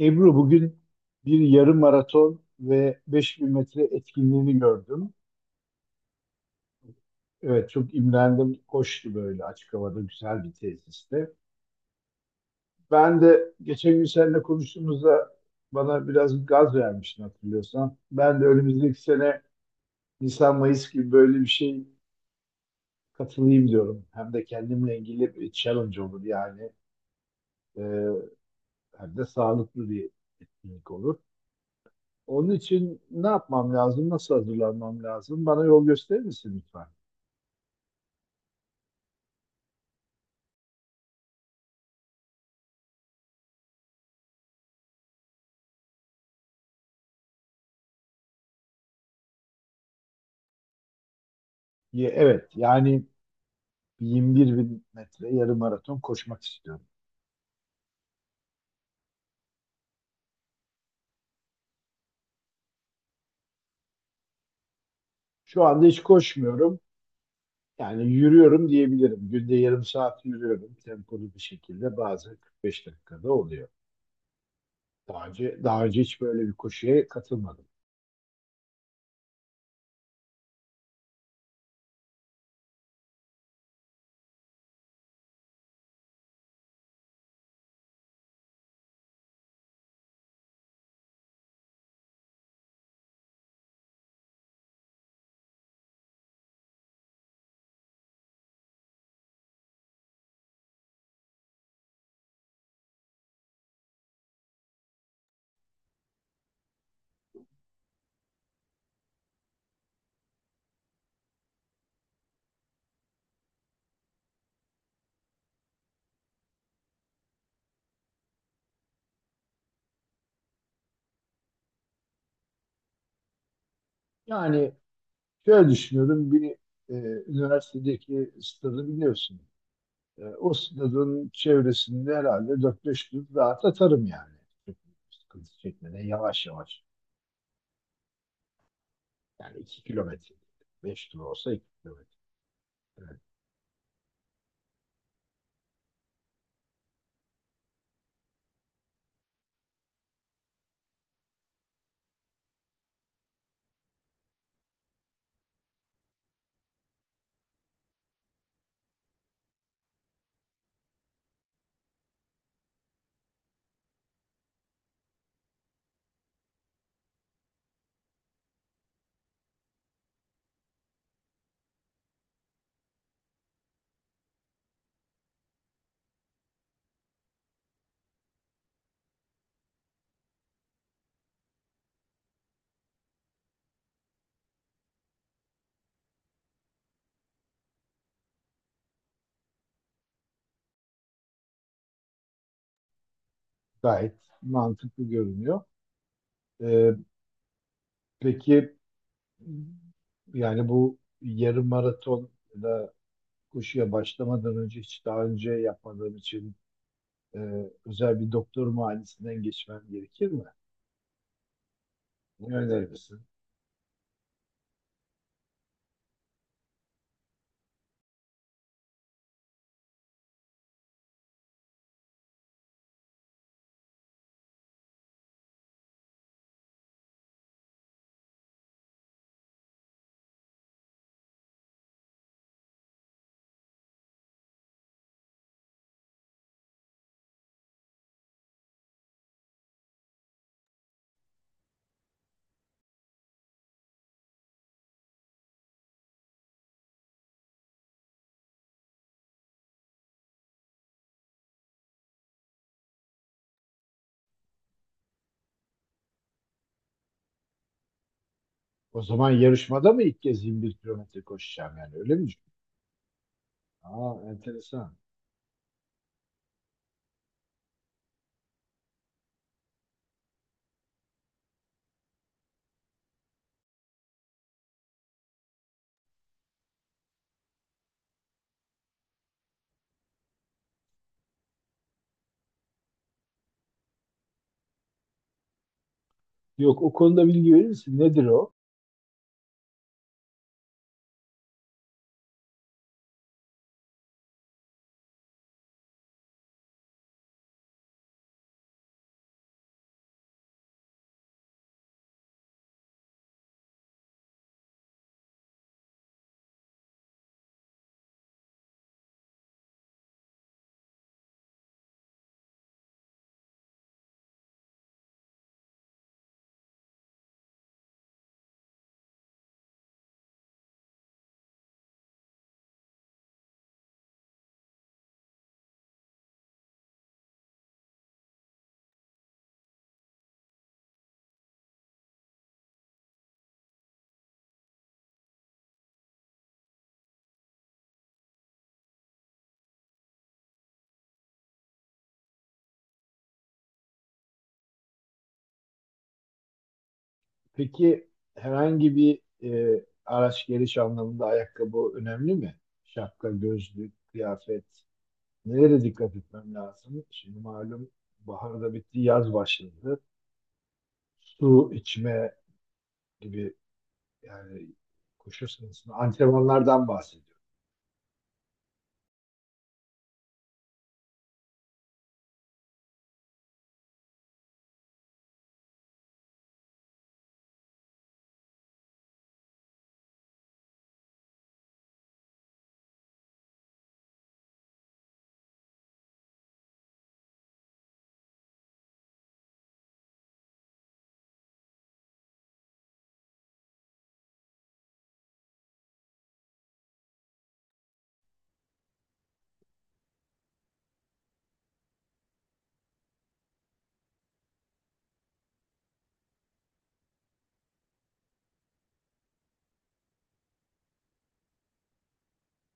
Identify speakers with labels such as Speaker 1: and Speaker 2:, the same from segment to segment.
Speaker 1: Ebru bugün bir yarım maraton ve 5.000 metre etkinliğini gördüm. Evet, çok imrendim. Koştu böyle açık havada güzel bir tesiste. Ben de geçen gün seninle konuştuğumuzda bana biraz gaz vermiştin, hatırlıyorsan. Ben de önümüzdeki sene Nisan-Mayıs gibi böyle bir şey katılayım diyorum. Hem de kendimle ilgili bir challenge olur yani. Ee, hem de sağlıklı bir etkinlik olur. Onun için ne yapmam lazım? Nasıl hazırlanmam lazım? Bana yol gösterir misin lütfen? Evet, yani 21 bin metre yarım maraton koşmak istiyorum. Şu anda hiç koşmuyorum. Yani yürüyorum diyebilirim. Günde yarım saat yürüyorum. Tempolu bir şekilde bazen 45 dakikada oluyor. Daha önce hiç böyle bir koşuya katılmadım. Yani şöyle düşünüyorum. Bir e, üniversitedeki stadı biliyorsun. O sınırın çevresinde herhalde 4-5 gün rahat atarım yani. Çok sıkıntı çekmeden, yavaş yavaş. Yani 2 kilometre. 5 kilo olsa 2 kilometre. Evet, gayet mantıklı görünüyor. E, peki yani bu yarım maraton da koşuya başlamadan önce hiç daha önce yapmadığım için e, özel bir doktor muayenesinden geçmem gerekir mi? Ne önerirsin? O zaman yarışmada mı ilk kez 21 kilometre koşacağım, yani öyle mi? Aa, enteresan. Yok, o konuda bilgi verir misin? Nedir o? Peki herhangi bir araç geliş anlamında ayakkabı önemli mi? Şapka, gözlük, kıyafet. Nelere dikkat etmem lazım? Şimdi malum, bahar da bitti, yaz başladı. Su içme gibi, yani koşu sırasında antrenmanlardan bahsediyorum.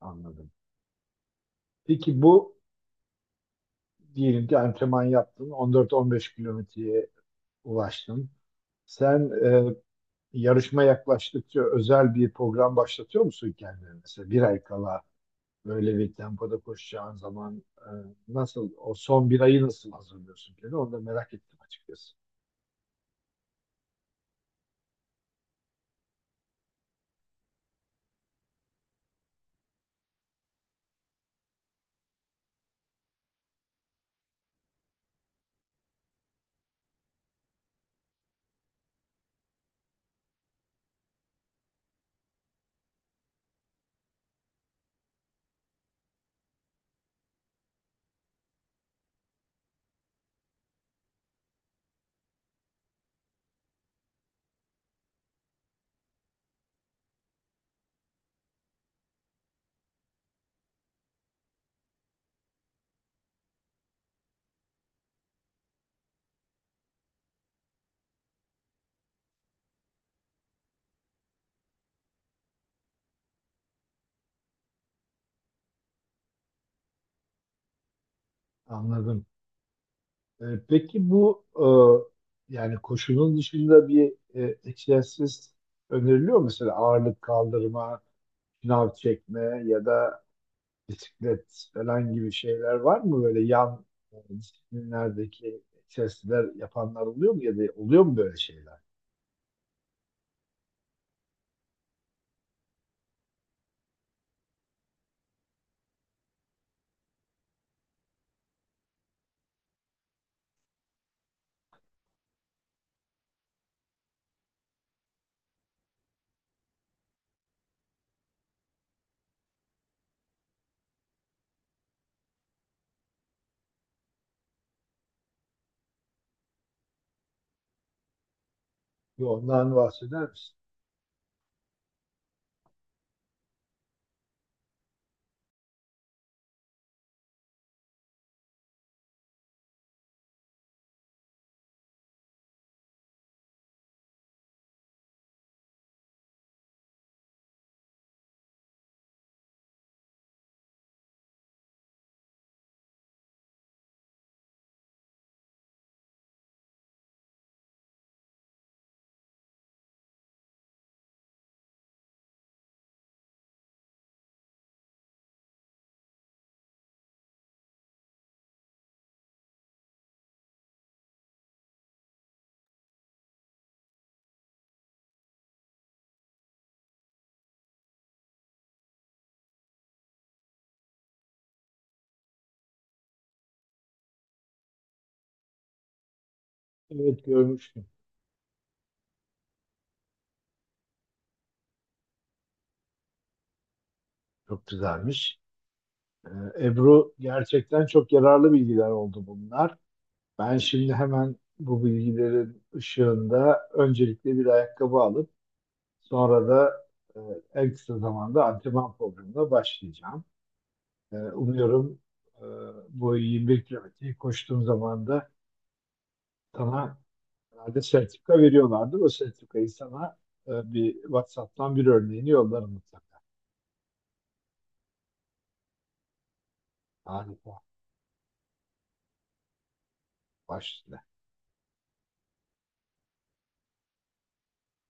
Speaker 1: Anladım. Peki bu, diyelim ki antrenman yaptın. 14-15 kilometreye ulaştın. Sen yarışma yaklaştıkça özel bir program başlatıyor musun kendine? Mesela bir ay kala böyle bir tempoda koşacağın zaman nasıl, o son bir ayı nasıl hazırlıyorsun kendine? Onu da merak ettim açıkçası. Anladım. Peki bu yani koşunun dışında bir egzersiz öneriliyor mu? Mesela ağırlık kaldırma, şınav çekme ya da bisiklet falan gibi şeyler var mı? Böyle yan disiplinlerdeki testler yapanlar oluyor mu ya da oluyor mu böyle şeyler? Bir ondan bahseder misin? Evet, görmüştüm. Çok güzelmiş. E, Ebru gerçekten çok yararlı bilgiler oldu bunlar. Ben şimdi hemen bu bilgilerin ışığında öncelikle bir ayakkabı alıp sonra da e, en kısa zamanda antrenman programına başlayacağım. Umuyorum e, bu 21 kilometreyi koştuğum zaman da sana herhalde sertifika veriyorlardı. O sertifikayı sana bir WhatsApp'tan bir örneğini yollarım mutlaka. Harika. Baş,